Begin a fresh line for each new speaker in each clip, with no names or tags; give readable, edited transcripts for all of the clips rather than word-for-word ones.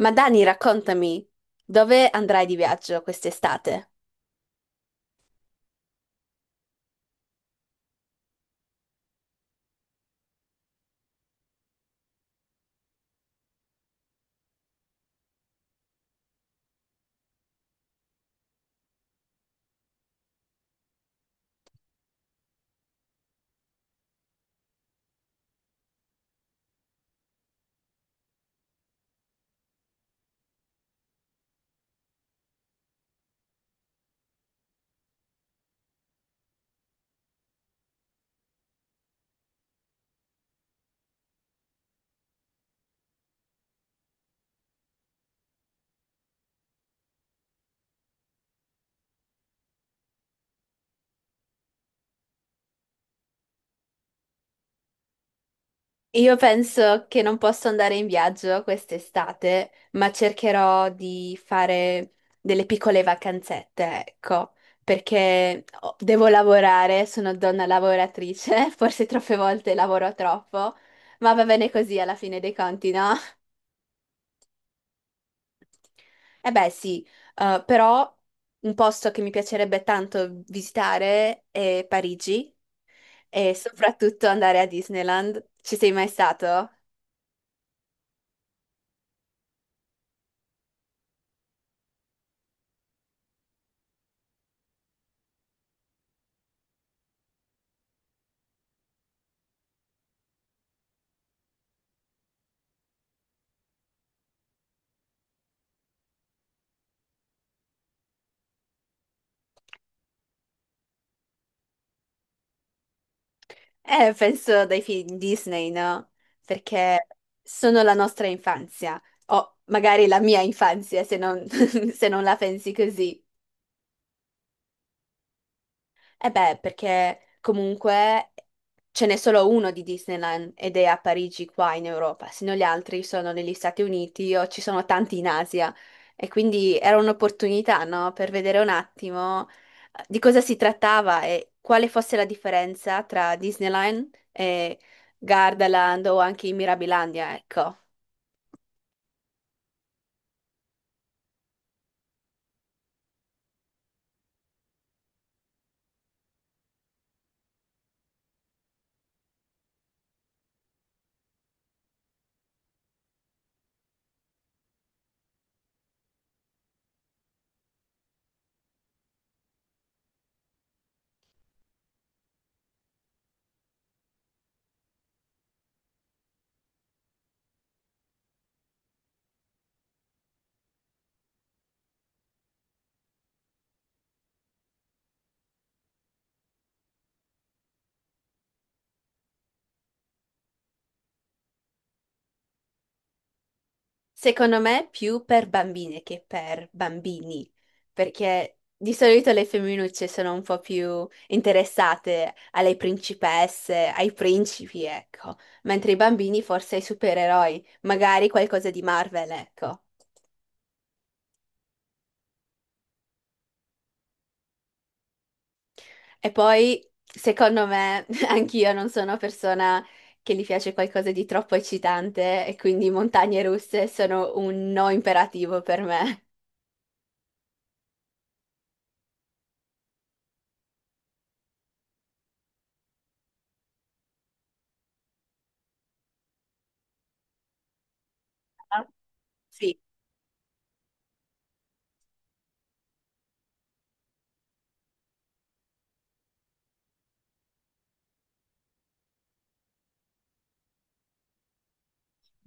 Ma Dani, raccontami, dove andrai di viaggio quest'estate? Io penso che non posso andare in viaggio quest'estate, ma cercherò di fare delle piccole vacanzette, ecco, perché devo lavorare, sono donna lavoratrice, forse troppe volte lavoro troppo, ma va bene così alla fine dei conti, no? Eh beh, sì, però un posto che mi piacerebbe tanto visitare è Parigi. E soprattutto andare a Disneyland. Ci sei mai stato? Penso dai film Disney, no? Perché sono la nostra infanzia, o magari la mia infanzia, se non, se non la pensi così. Eh beh, perché comunque ce n'è solo uno di Disneyland ed è a Parigi qua in Europa, se no gli altri sono negli Stati Uniti o ci sono tanti in Asia. E quindi era un'opportunità, no? Per vedere un attimo di cosa si trattava e quale fosse la differenza tra Disneyland e Gardaland o anche in Mirabilandia, ecco. Secondo me più per bambine che per bambini, perché di solito le femminucce sono un po' più interessate alle principesse, ai principi, ecco, mentre i bambini forse ai supereroi, magari qualcosa di Marvel, ecco. E poi, secondo me, anch'io non sono persona che gli piace qualcosa di troppo eccitante e quindi montagne russe sono un no imperativo per me. Ah, sì,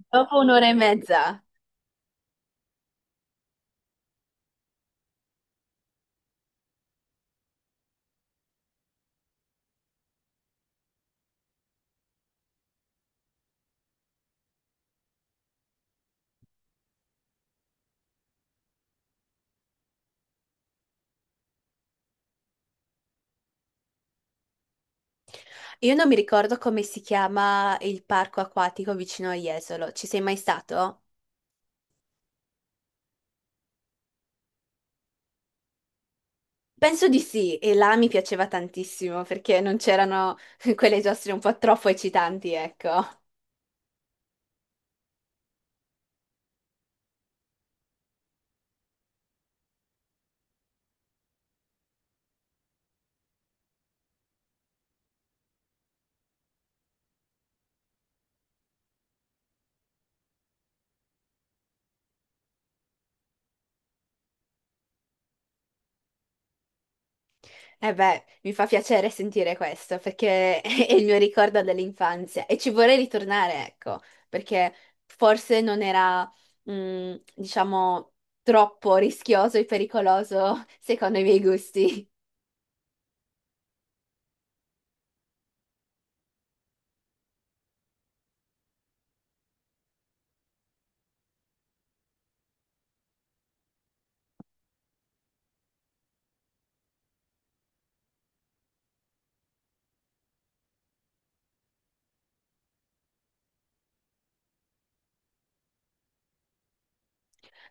dopo un'ora e mezza. Io non mi ricordo come si chiama il parco acquatico vicino a Jesolo. Ci sei mai stato? Penso di sì, e là mi piaceva tantissimo perché non c'erano quelle giostre un po' troppo eccitanti, ecco. E beh, mi fa piacere sentire questo perché è il mio ricordo dell'infanzia e ci vorrei ritornare, ecco, perché forse non era, mm, diciamo, troppo rischioso e pericoloso secondo i miei gusti.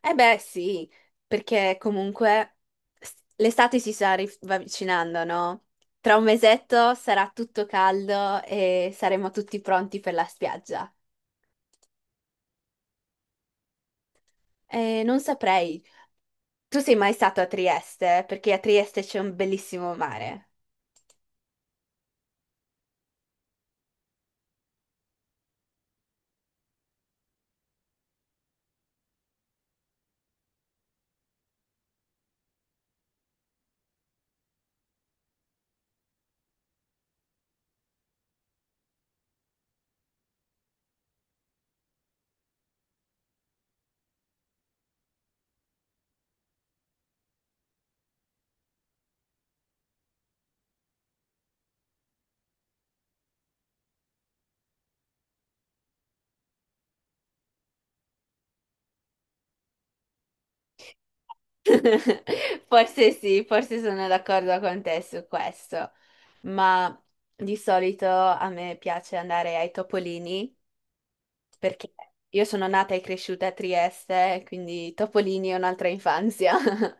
Eh beh, sì, perché comunque l'estate si sta avvicinando, no? Tra un mesetto sarà tutto caldo e saremo tutti pronti per la spiaggia. Non saprei. Tu sei mai stato a Trieste? Perché a Trieste c'è un bellissimo mare. Forse sì, forse sono d'accordo con te su questo, ma di solito a me piace andare ai Topolini perché io sono nata e cresciuta a Trieste, quindi Topolini è un'altra infanzia.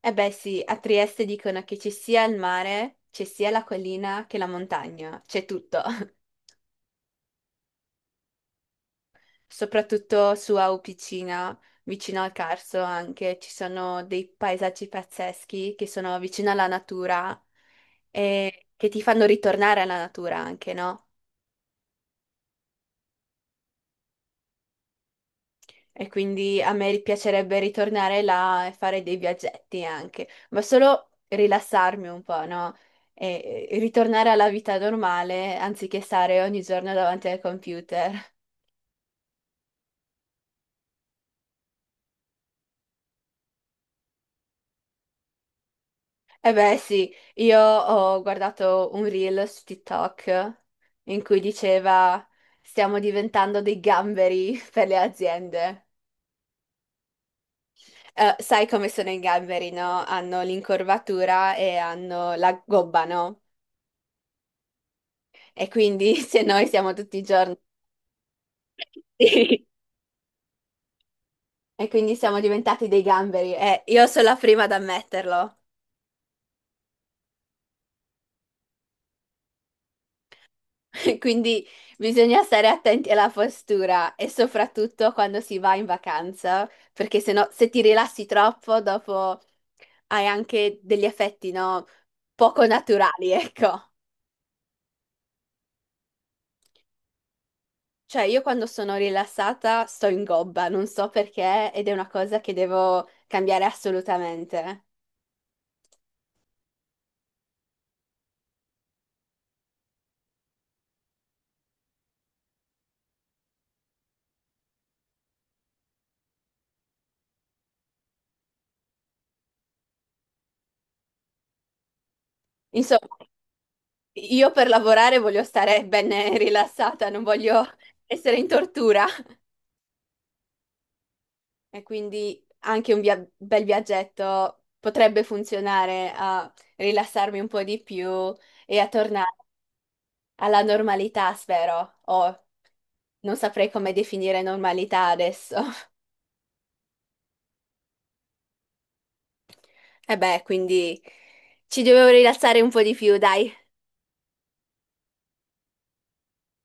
E beh sì, a Trieste dicono che ci sia il mare, c'è sia la collina che la montagna, c'è tutto. Soprattutto su Aupicina, vicino al Carso anche, ci sono dei paesaggi pazzeschi che sono vicino alla natura e che ti fanno ritornare alla natura anche, no? E quindi a me piacerebbe ritornare là e fare dei viaggetti anche, ma solo rilassarmi un po', no? E ritornare alla vita normale anziché stare ogni giorno davanti al computer. E beh, sì, io ho guardato un reel su TikTok in cui diceva stiamo diventando dei gamberi per le aziende. Sai come sono i gamberi, no? Hanno l'incorvatura e hanno la gobba, no? E quindi se noi siamo tutti i giorni sì. E quindi siamo diventati dei gamberi. Io sono la prima ad ammetterlo. Quindi bisogna stare attenti alla postura e soprattutto quando si va in vacanza, perché se no, se ti rilassi troppo, dopo hai anche degli effetti, no? Poco naturali, ecco. Cioè, io quando sono rilassata sto in gobba, non so perché, ed è una cosa che devo cambiare assolutamente. Insomma. Io per lavorare voglio stare ben rilassata, non voglio essere in tortura e quindi anche un bel viaggetto potrebbe funzionare a rilassarmi un po' di più e a tornare alla normalità, spero, o non saprei come definire normalità adesso. E beh, quindi ci devo rilassare un po' di più, dai.